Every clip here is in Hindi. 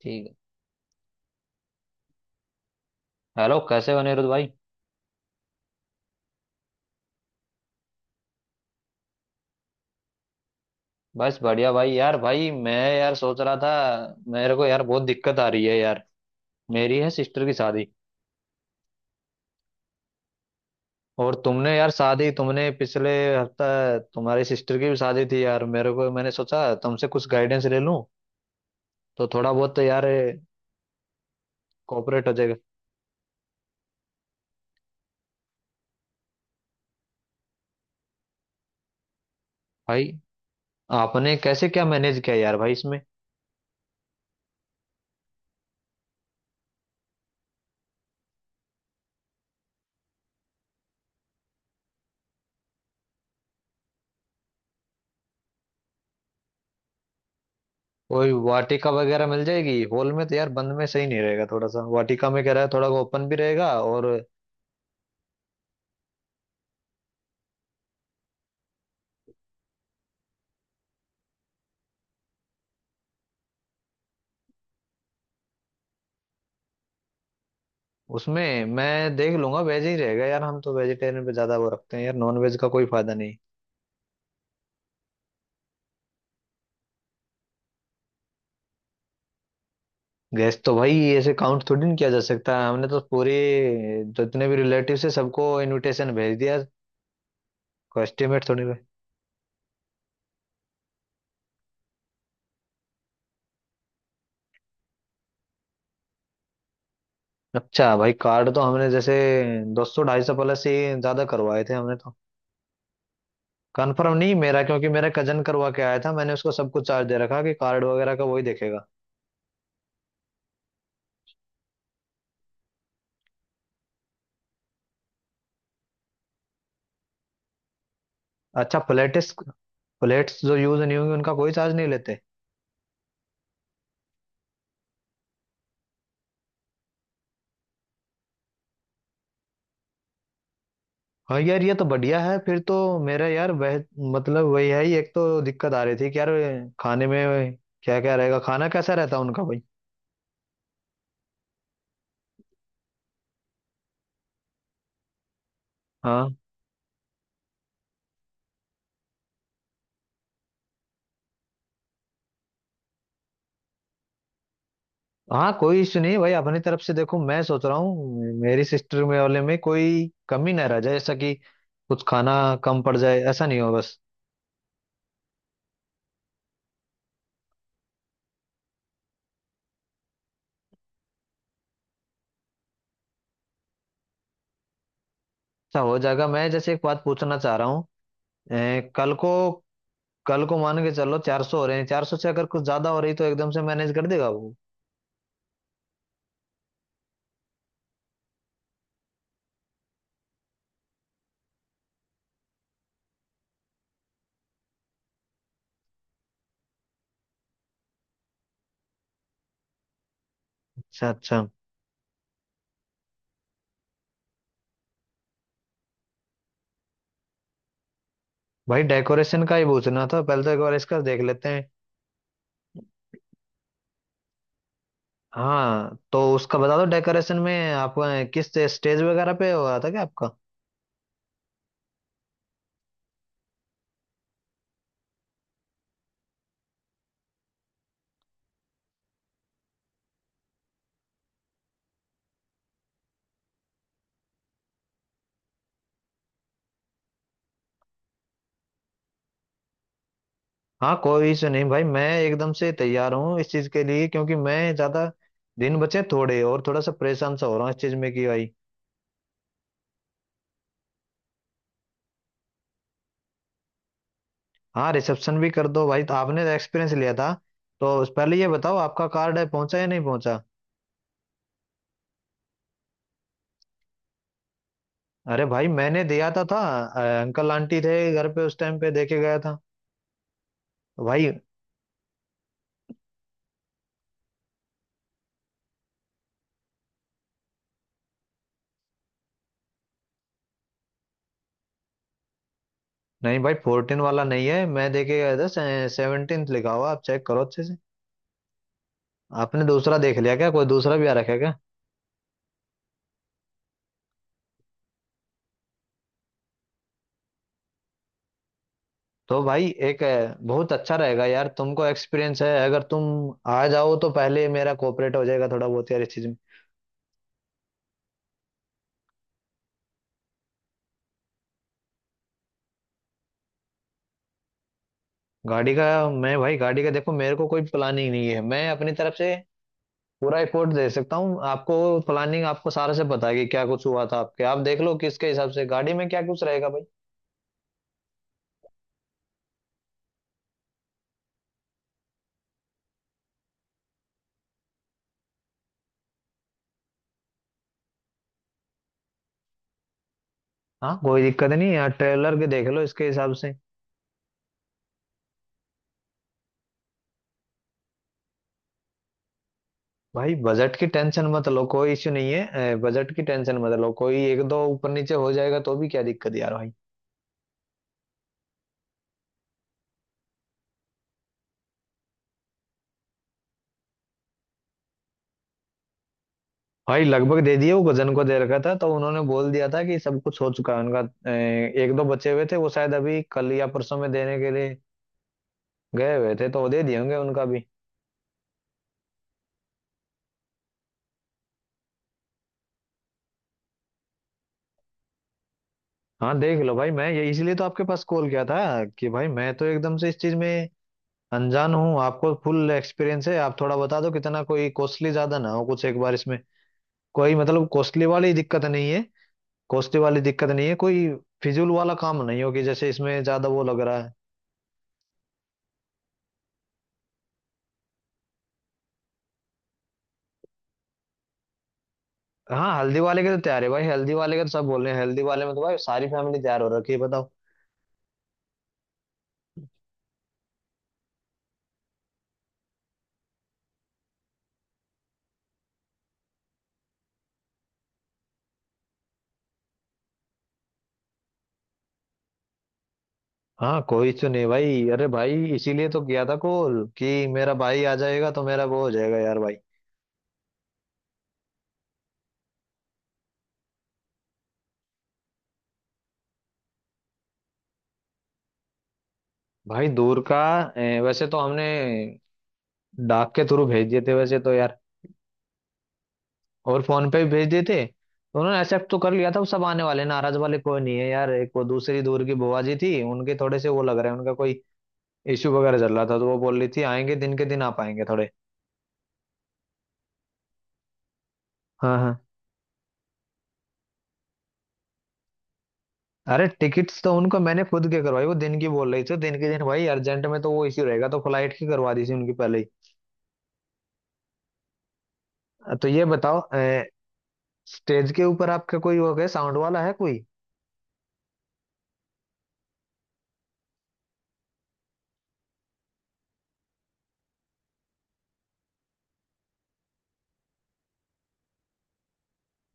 ठीक है। हेलो, कैसे हो अनिरुद्ध भाई। बस बढ़िया भाई। यार भाई मैं यार सोच रहा था, मेरे को यार बहुत दिक्कत आ रही है यार। मेरी है सिस्टर की शादी। और तुमने यार शादी तुमने पिछले हफ्ता, तुम्हारी सिस्टर की भी शादी थी यार। मेरे को मैंने सोचा तुमसे कुछ गाइडेंस ले लूं तो थोड़ा बहुत तो यार कोऑपरेट हो जाएगा। भाई आपने कैसे क्या मैनेज किया यार भाई इसमें। कोई वाटिका वगैरह मिल जाएगी हॉल में तो यार? बंद में सही नहीं रहेगा, थोड़ा सा वाटिका में कह रहा है थोड़ा ओपन भी रहेगा और। उसमें मैं देख लूंगा, वेज ही रहेगा यार। हम तो वेजिटेरियन पे ज्यादा वो रखते हैं यार, नॉन वेज का कोई फायदा नहीं। गैस तो भाई ऐसे काउंट थोड़ी ना किया जा सकता है, हमने तो पूरे जितने भी रिलेटिव है सबको इनविटेशन भेज दिया। कोई एस्टिमेट थोड़ी भाई। अच्छा भाई कार्ड तो हमने जैसे 200 250 प्लस ही ज्यादा करवाए थे हमने तो। कन्फर्म नहीं मेरा, क्योंकि मेरा कजन करवा के आया था, मैंने उसको सब कुछ चार्ज दे रखा कि कार्ड वगैरह का वही देखेगा। अच्छा, प्लेटिस प्लेट्स जो यूज नहीं होंगी उनका कोई चार्ज नहीं लेते? हाँ यार ये तो बढ़िया है फिर तो मेरा यार वह मतलब वही है ही। एक तो दिक्कत आ रही थी कि यार खाने में क्या क्या रहेगा, खाना कैसा रहता है उनका भाई? हाँ हाँ, कोई इश्यू नहीं भाई। अपनी तरफ से देखो मैं सोच रहा हूँ मेरी सिस्टर में वाले में कोई कमी ना रह जाए ऐसा कि कुछ खाना कम पड़ जाए, ऐसा नहीं हो बस। अच्छा हो जाएगा। मैं जैसे एक बात पूछना चाह रहा हूँ अ, कल को कल को मान के चलो 400 हो रहे हैं, 400 से अगर कुछ ज्यादा हो रही तो एकदम से मैनेज कर देगा वो? अच्छा अच्छा। भाई डेकोरेशन का ही पूछना था, पहले तो एक बार इसका देख लेते हैं। हाँ तो उसका बता दो, डेकोरेशन में आप किस स्टेज वगैरह पे हो रहा था क्या आपका? हाँ कोई इशू नहीं भाई, मैं एकदम से तैयार हूँ इस चीज के लिए। क्योंकि मैं ज्यादा दिन बचे थोड़े और थोड़ा सा परेशान सा हो रहा हूँ इस चीज में कि भाई। हाँ रिसेप्शन भी कर दो भाई, तो आपने तो एक्सपीरियंस लिया था। तो पहले ये बताओ, आपका कार्ड है पहुंचा या नहीं पहुंचा? अरे भाई मैंने दिया था अंकल आंटी थे घर पे उस टाइम पे देके गया था भाई। नहीं भाई 14 वाला नहीं है, मैं देखे गया था 17 लिखा हुआ, आप चेक करो अच्छे से। आपने दूसरा देख लिया क्या, कोई दूसरा भी आ रखा है क्या? तो भाई एक बहुत अच्छा रहेगा यार, तुमको एक्सपीरियंस है अगर तुम आ जाओ तो पहले मेरा कोऑपरेट हो जाएगा थोड़ा बहुत यार इस चीज में। गाड़ी का मैं भाई, गाड़ी का देखो मेरे को कोई प्लानिंग नहीं है। मैं अपनी तरफ से पूरा रिपोर्ट दे सकता हूँ आपको। प्लानिंग आपको सारा से पता है कि क्या कुछ हुआ था, आपके आप देख लो किसके हिसाब से गाड़ी में क्या कुछ रहेगा भाई। हाँ कोई दिक्कत नहीं यार, ट्रेलर के देख लो इसके हिसाब से। भाई बजट की टेंशन मत लो, कोई इश्यू नहीं है, बजट की टेंशन मत लो। कोई एक दो ऊपर नीचे हो जाएगा तो भी क्या दिक्कत यार भाई। भाई लगभग दे दिए, वो गजन को दे रखा था तो उन्होंने बोल दिया था कि सब कुछ हो चुका है उनका। एक दो बचे हुए थे, वो शायद अभी कल या परसों में देने के लिए गए हुए थे तो वो दे दिए होंगे उनका भी। हाँ देख लो भाई। मैं ये इसलिए तो आपके पास कॉल किया था कि भाई मैं तो एकदम से इस चीज में अनजान हूँ। आपको फुल एक्सपीरियंस है, आप थोड़ा बता दो कितना, कोई कॉस्टली ज्यादा ना हो कुछ एक बार इसमें। कोई मतलब कॉस्टली वाली दिक्कत नहीं है, कोस्ती वाली दिक्कत नहीं है कोई। फिजूल वाला काम नहीं हो कि जैसे इसमें ज्यादा वो लग रहा है। हाँ हल्दी वाले के तो तैयार है भाई, हल्दी वाले के तो सब बोल रहे हैं, हल्दी वाले में तो भाई सारी फैमिली तैयार हो रखी है, बताओ। हाँ कोई तो नहीं भाई। अरे भाई इसीलिए तो किया था कॉल कि मेरा भाई आ जाएगा तो मेरा वो हो जाएगा यार भाई। भाई दूर का वैसे तो हमने डाक के थ्रू भेज दिए थे वैसे तो यार। और फोन पे भी भेज दिए थे तो उन्होंने एक्सेप्ट तो कर लिया था, वो सब आने वाले हैं। नाराज वाले कोई नहीं है यार, एक वो दूसरी दूर की बुआ जी थी उनके थोड़े से वो लग रहा है, उनका कोई इशू वगैरह चल रहा था तो वो बोल रही थी आएंगे दिन के दिन आप, आएंगे थोड़े। हाँ हाँ, अरे टिकट्स तो उनको मैंने खुद के करवाई। वो दिन की बोल रही थी दिन के दिन भाई, अर्जेंट में तो वो इश्यू रहेगा तो फ्लाइट की करवा दी थी उनकी पहले ही। तो ये बताओ, स्टेज के ऊपर आपका कोई हो गया साउंड वाला है कोई?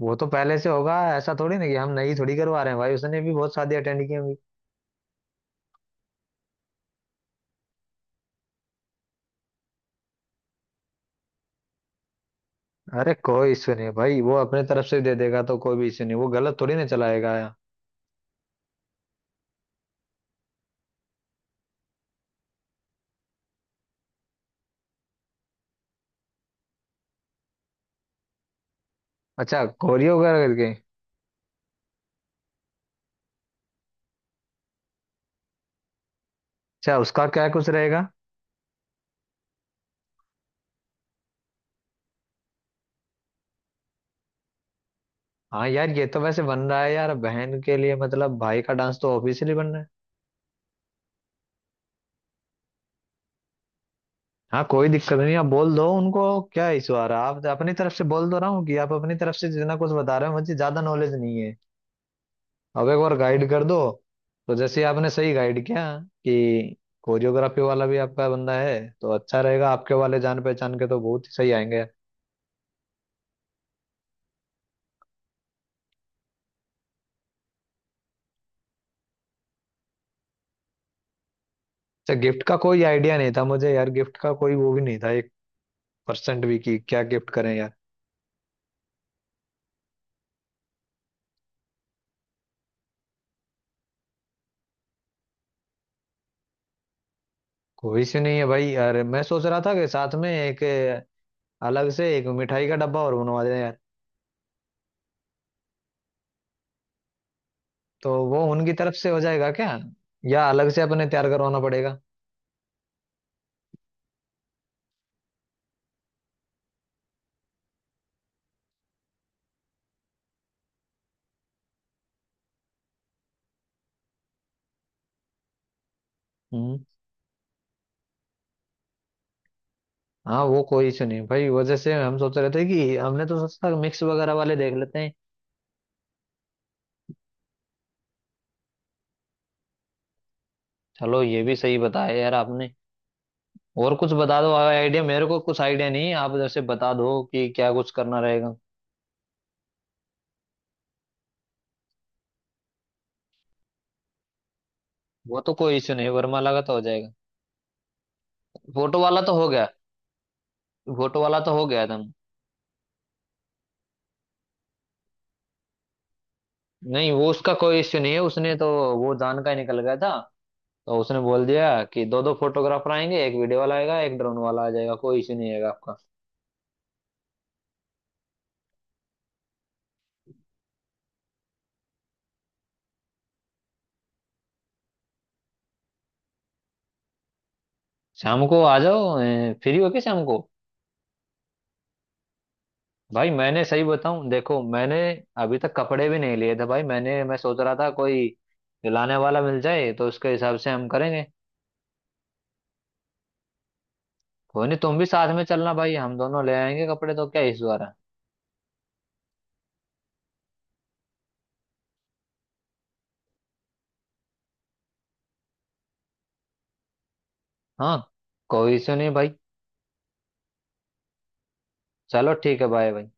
वो तो पहले से होगा, ऐसा थोड़ी ना कि हम नई थोड़ी करवा रहे हैं भाई। उसने भी बहुत शादी अटेंड की होंगी। अरे कोई इश्यू नहीं है भाई, वो अपने तरफ से दे देगा तो कोई भी इश्यू नहीं, वो गलत थोड़ी ना चलाएगा या। अच्छा, कोरियो वगैरह करके? अच्छा उसका क्या कुछ रहेगा? हाँ यार ये तो वैसे बन रहा है यार बहन के लिए, मतलब भाई का डांस तो ऑफिशियली बन रहा है। हाँ कोई दिक्कत नहीं, आप बोल दो उनको, क्या इशू आ रहा है। आप अपनी तरफ से बोल दो ना कि आप अपनी तरफ से जितना कुछ बता रहे हो, मुझे ज्यादा नॉलेज नहीं है। अब एक बार गाइड कर दो। तो जैसे आपने सही गाइड किया कि कोरियोग्राफी वाला भी आपका बंदा है तो अच्छा रहेगा, आपके वाले जान पहचान के तो बहुत ही सही आएंगे। अच्छा, गिफ्ट का कोई आइडिया नहीं था मुझे यार। गिफ्ट का कोई वो भी नहीं था, एक परसेंट भी कि क्या गिफ्ट करें यार। कोई से नहीं है भाई। अरे मैं सोच रहा था कि साथ में एक अलग से एक मिठाई का डब्बा और बनवा देना यार। तो वो उनकी तरफ से हो जाएगा क्या, या अलग से अपने तैयार करवाना पड़ेगा? हम्म। हाँ वो कोई इशू नहीं भाई, वजह से हम सोच रहे थे कि हमने तो सोचा मिक्स वगैरह वाले देख लेते हैं। चलो ये भी सही बताया यार आपने। और कुछ बता दो आइडिया, मेरे को कुछ आइडिया नहीं है, आप जैसे बता दो कि क्या कुछ करना रहेगा। वो तो कोई इशू नहीं, वर्माला का तो हो जाएगा। फोटो वाला तो हो गया, फोटो वाला तो हो गया था। नहीं वो उसका कोई इश्यू नहीं है, उसने तो वो जान का ही निकल गया था। तो उसने बोल दिया कि दो दो फोटोग्राफर आएंगे, एक वीडियो वाला आएगा, एक ड्रोन वाला आ जाएगा, कोई इश्यू नहीं आएगा आपका। शाम को आ जाओ, फ्री हो के शाम को। भाई मैंने सही बताऊं, देखो मैंने अभी तक कपड़े भी नहीं लिए थे भाई। मैं सोच रहा था कोई लाने वाला मिल जाए तो उसके हिसाब से हम करेंगे। कोई नहीं, तुम भी साथ में चलना भाई, हम दोनों ले आएंगे कपड़े, तो क्या इशू आ रहा है। हाँ कोई इशू नहीं भाई, चलो ठीक है बाय भाई।